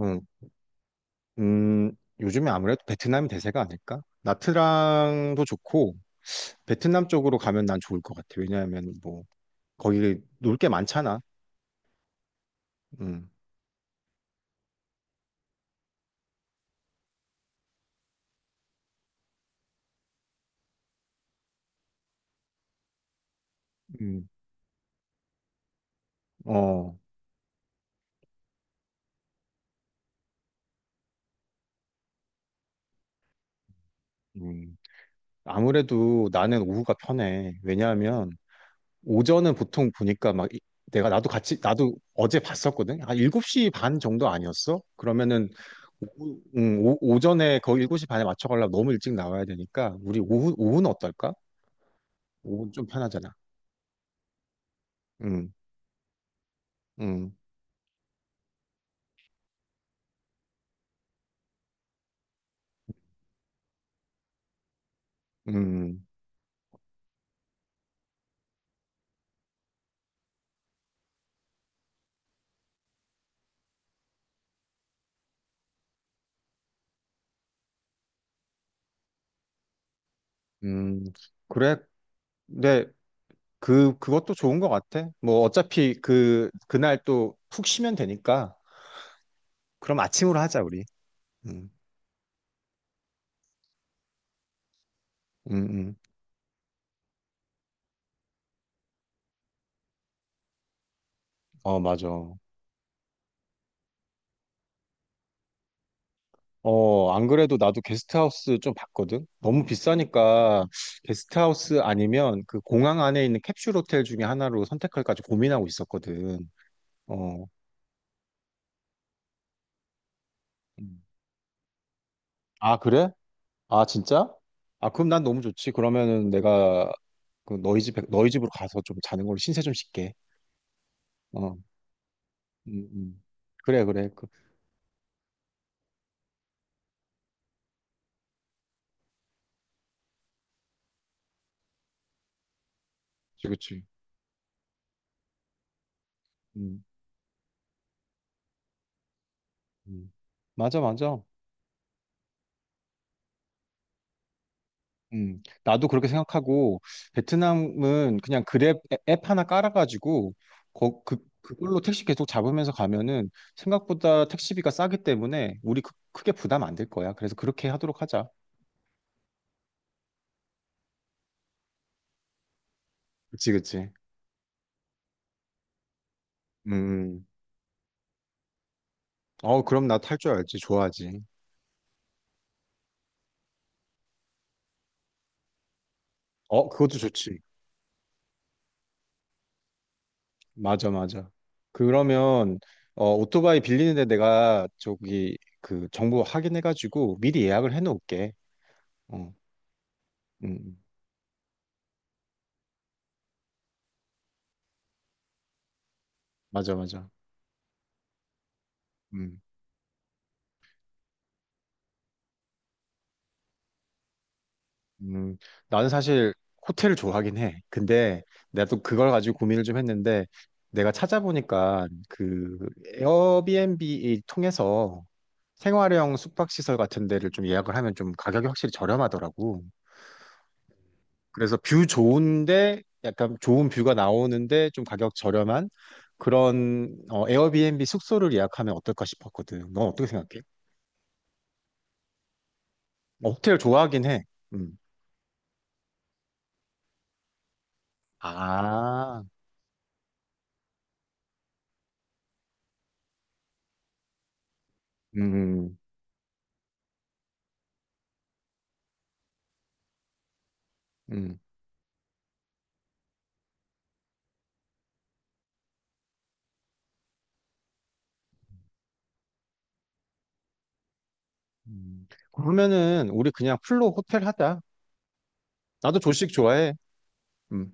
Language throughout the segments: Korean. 응. 음, 요즘에 아무래도 베트남이 대세가 아닐까? 나트랑도 좋고, 베트남 쪽으로 가면 난 좋을 것 같아. 왜냐하면 뭐, 거기 놀 게 많잖아. 음, 음, 어, 음. 아무래도 나는 오후가 편해. 왜냐하면, 오전은 보통 보니까 막, 내가 나도 같이, 나도 어제 봤었거든? 한 7시 반 정도 아니었어? 그러면은, 오전에 거의 7시 반에 맞춰가려면 너무 일찍 나와야 되니까, 우리 오후는 어떨까? 오후는 좀 편하잖아. 음. 음, 음, 음, 그래. 근데 그것도 좋은 것 같아. 뭐 어차피 그날 또 푹 쉬면 되니까. 그럼 아침으로 하자, 우리. 음, 음, 음. 어, 맞아. 어, 안 그래도 나도 게스트하우스 좀 봤거든? 너무 비싸니까 게스트하우스 아니면 그 공항 안에 있는 캡슐 호텔 중에 하나로 선택할까 지 고민하고 있었거든. 어. 음. 아, 그래? 아, 진짜? 아, 그럼 난 너무 좋지. 그러면은 내가 그 너희 집으로 가서 좀 자는 걸로 신세 좀 씻게 어, 음, 음. 그래, 그래. 그치, 그치. 음, 음. 맞아, 맞아. 나도 그렇게 생각하고, 베트남은 그냥 그랩 앱앱 하나 깔아가지고, 그걸로 택시 계속 잡으면서 가면은 생각보다 택시비가 싸기 때문에 우리 크게 부담 안 될 거야. 그래서 그렇게 하도록 하자. 그치, 그치. 음. 어, 그럼 나 탈 줄 알지. 좋아하지. 어, 그것도 좋지. 맞아, 맞아. 그러면 오토바이 빌리는데 내가 저기 그 정보 확인해가지고 미리 예약을 해놓을게. 어, 음, 음. 맞아, 맞아. 음, 음, 나는 사실 호텔을 좋아하긴 해. 근데 내가 또 그걸 가지고 고민을 좀 했는데 내가 찾아보니까 그 에어비앤비 통해서 생활형 숙박시설 같은 데를 좀 예약을 하면 좀 가격이 확실히 저렴하더라고. 그래서 뷰 좋은데 약간 좋은 뷰가 나오는데 좀 가격 저렴한 그런 에어비앤비 숙소를 예약하면 어떨까 싶었거든. 넌 어떻게 생각해? 어, 호텔 좋아하긴 해. 음. 아, 음, 음, 그러면은 우리 그냥 풀로 호텔 하자. 나도 조식 좋아해. 음.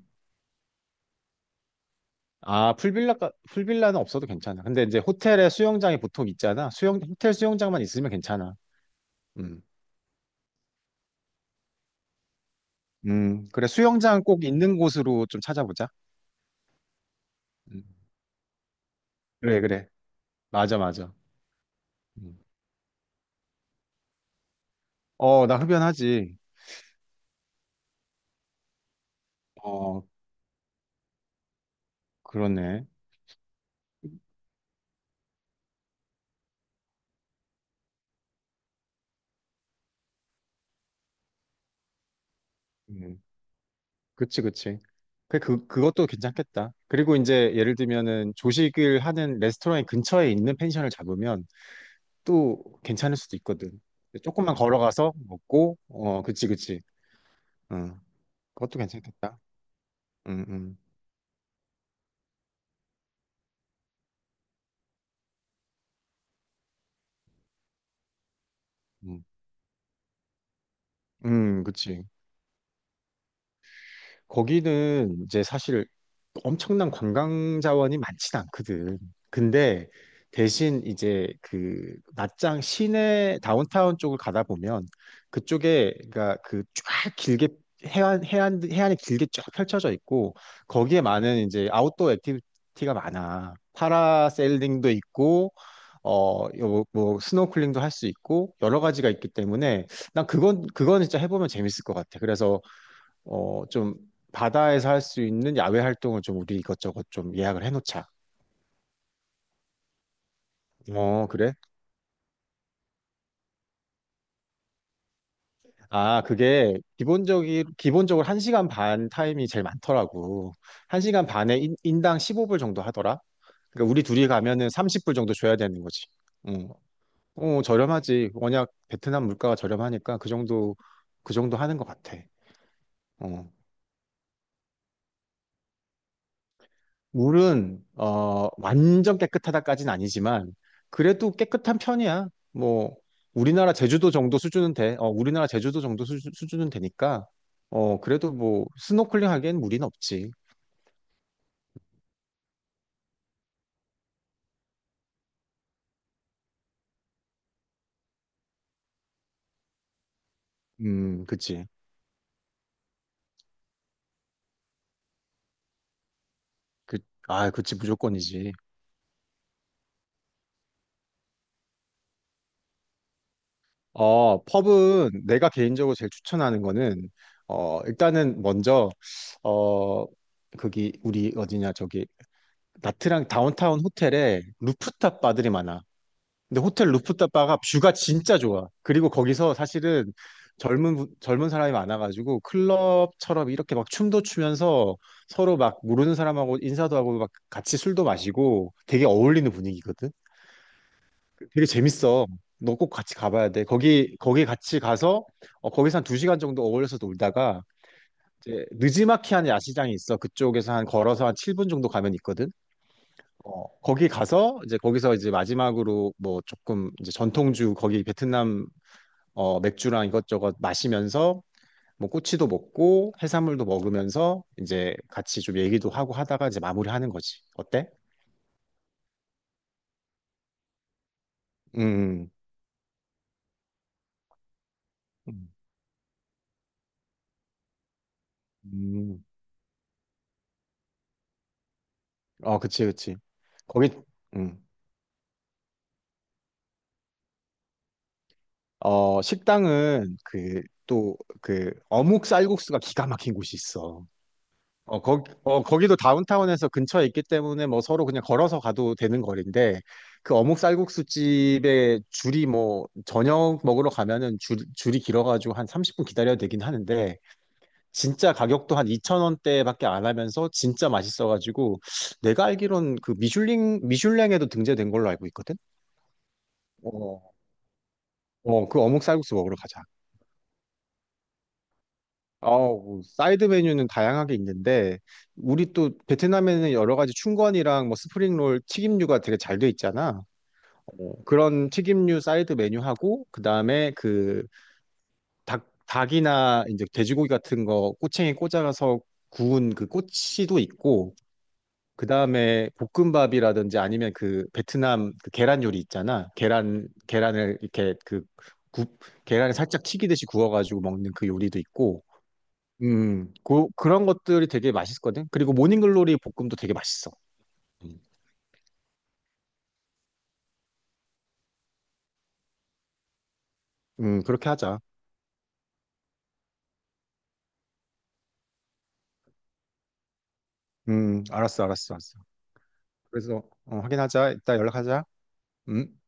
아, 풀빌라는 없어도 괜찮아. 근데 이제 호텔에 수영장이 보통 있잖아. 호텔 수영장만 있으면 괜찮아. 음, 그래. 수영장 꼭 있는 곳으로 좀 찾아보자. 음. 그래, 그래. 맞아, 맞아. 음. 어, 나 흡연하지. 어, 그렇네. 음, 그치, 그치. 그것도 괜찮겠다. 그리고 이제 예를 들면은 조식을 하는 레스토랑의 근처에 있는 펜션을 잡으면 또 괜찮을 수도 있거든. 조금만 걸어가서 먹고, 그치, 그치. 음, 그것도 괜찮겠다. 응응. 그치. 거기는 이제 사실 엄청난 관광 자원이 많진 않거든. 근데 대신 이제 그 낮장 시내 다운타운 쪽을 가다 보면 그쪽에 그러니까 그 쫙 길게 해안이 길게 쫙 펼쳐져 있고 거기에 많은 이제 아웃도어 액티비티가 많아. 파라세일링도 있고 어뭐 스노클링도 할 수 있고 여러 가지가 있기 때문에 난 그건 진짜 해보면 재밌을 것 같아. 그래서 좀 바다에서 할 수 있는 야외 활동을 좀 우리 이것저것 좀 예약을 해놓자. 어, 그래? 아, 그게 기본적으로 1시간 반 타임이 제일 많더라고. 1시간 반에 인당 15불 정도 하더라. 그러니까 우리 둘이 가면은 30불 정도 줘야 되는 거지. 응. 어, 저렴하지. 워낙 베트남 물가가 저렴하니까 그 정도, 그 정도 하는 것 같아. 어. 물은 완전 깨끗하다까지는 아니지만 그래도 깨끗한 편이야. 뭐 우리나라 제주도 정도 수준은 돼. 우리나라 제주도 정도 수준은 되니까 그래도 뭐 스노클링 하기엔 무리는 없지. 그치. 그, 아, 그치 무조건이지. 펍은 내가 개인적으로 제일 추천하는 거는 일단은 먼저 어 거기 우리 어디냐 저기 나트랑 다운타운 호텔에 루프탑 바들이 많아. 근데 호텔 루프탑 바가 뷰가 진짜 좋아. 그리고 거기서 사실은 젊은 사람이 많아가지고 클럽처럼 이렇게 막 춤도 추면서 서로 막 모르는 사람하고 인사도 하고 막 같이 술도 마시고 되게 어울리는 분위기거든. 되게 재밌어. 너 꼭 같이 가봐야 돼. 거기 같이 가서 어, 거기서 한 2시간 정도 어울려서 놀다가 이제 느지마키한 야시장이 있어. 그쪽에서 한 걸어서 한 7분 정도 가면 있거든. 어, 거기 가서 이제 거기서 이제 마지막으로 뭐 조금 이제 전통주 거기 베트남 맥주랑 이것저것 마시면서 뭐 꼬치도 먹고 해산물도 먹으면서 이제 같이 좀 얘기도 하고 하다가 이제 마무리하는 거지. 어때? 음, 음, 음. 어, 그치, 그치. 거기, 음. 어, 식당은 어묵 쌀국수가 기가 막힌 곳이 있어. 어, 거기도 다운타운에서 근처에 있기 때문에 뭐 서로 그냥 걸어서 가도 되는 거리인데 그 어묵 쌀국수 집에 줄이 뭐 저녁 먹으러 가면은 줄이 길어가지고 한 30분 기다려야 되긴 하는데 진짜 가격도 한2천원대밖에 안 하면서 진짜 맛있어가지고 내가 알기론 그 미슐랭에도 등재된 걸로 알고 있거든? 어, 어, 그 어묵 쌀국수 먹으러 가자. 뭐 사이드 메뉴는 다양하게 있는데 우리 또 베트남에는 여러 가지 춘권이랑 뭐 스프링롤 튀김류가 되게 잘 돼 있잖아. 어, 그런 튀김류 사이드 메뉴하고 그다음에 그 닭이나 이제 돼지고기 같은 거 꼬챙이 꽂아서 구운 그 꼬치도 있고 그다음에 볶음밥이라든지 아니면 그 베트남 그 계란 요리 있잖아. 계란을 이렇게 그 굽, 계란을 살짝 튀기듯이 구워가지고 먹는 그 요리도 있고 그런 것들이 되게 맛있거든. 그리고 모닝글로리 볶음도 되게 맛있어. 음, 그렇게 하자. 알았어, 알았어, 알았어. 그래서 확인하자. 이따 연락하자. 음.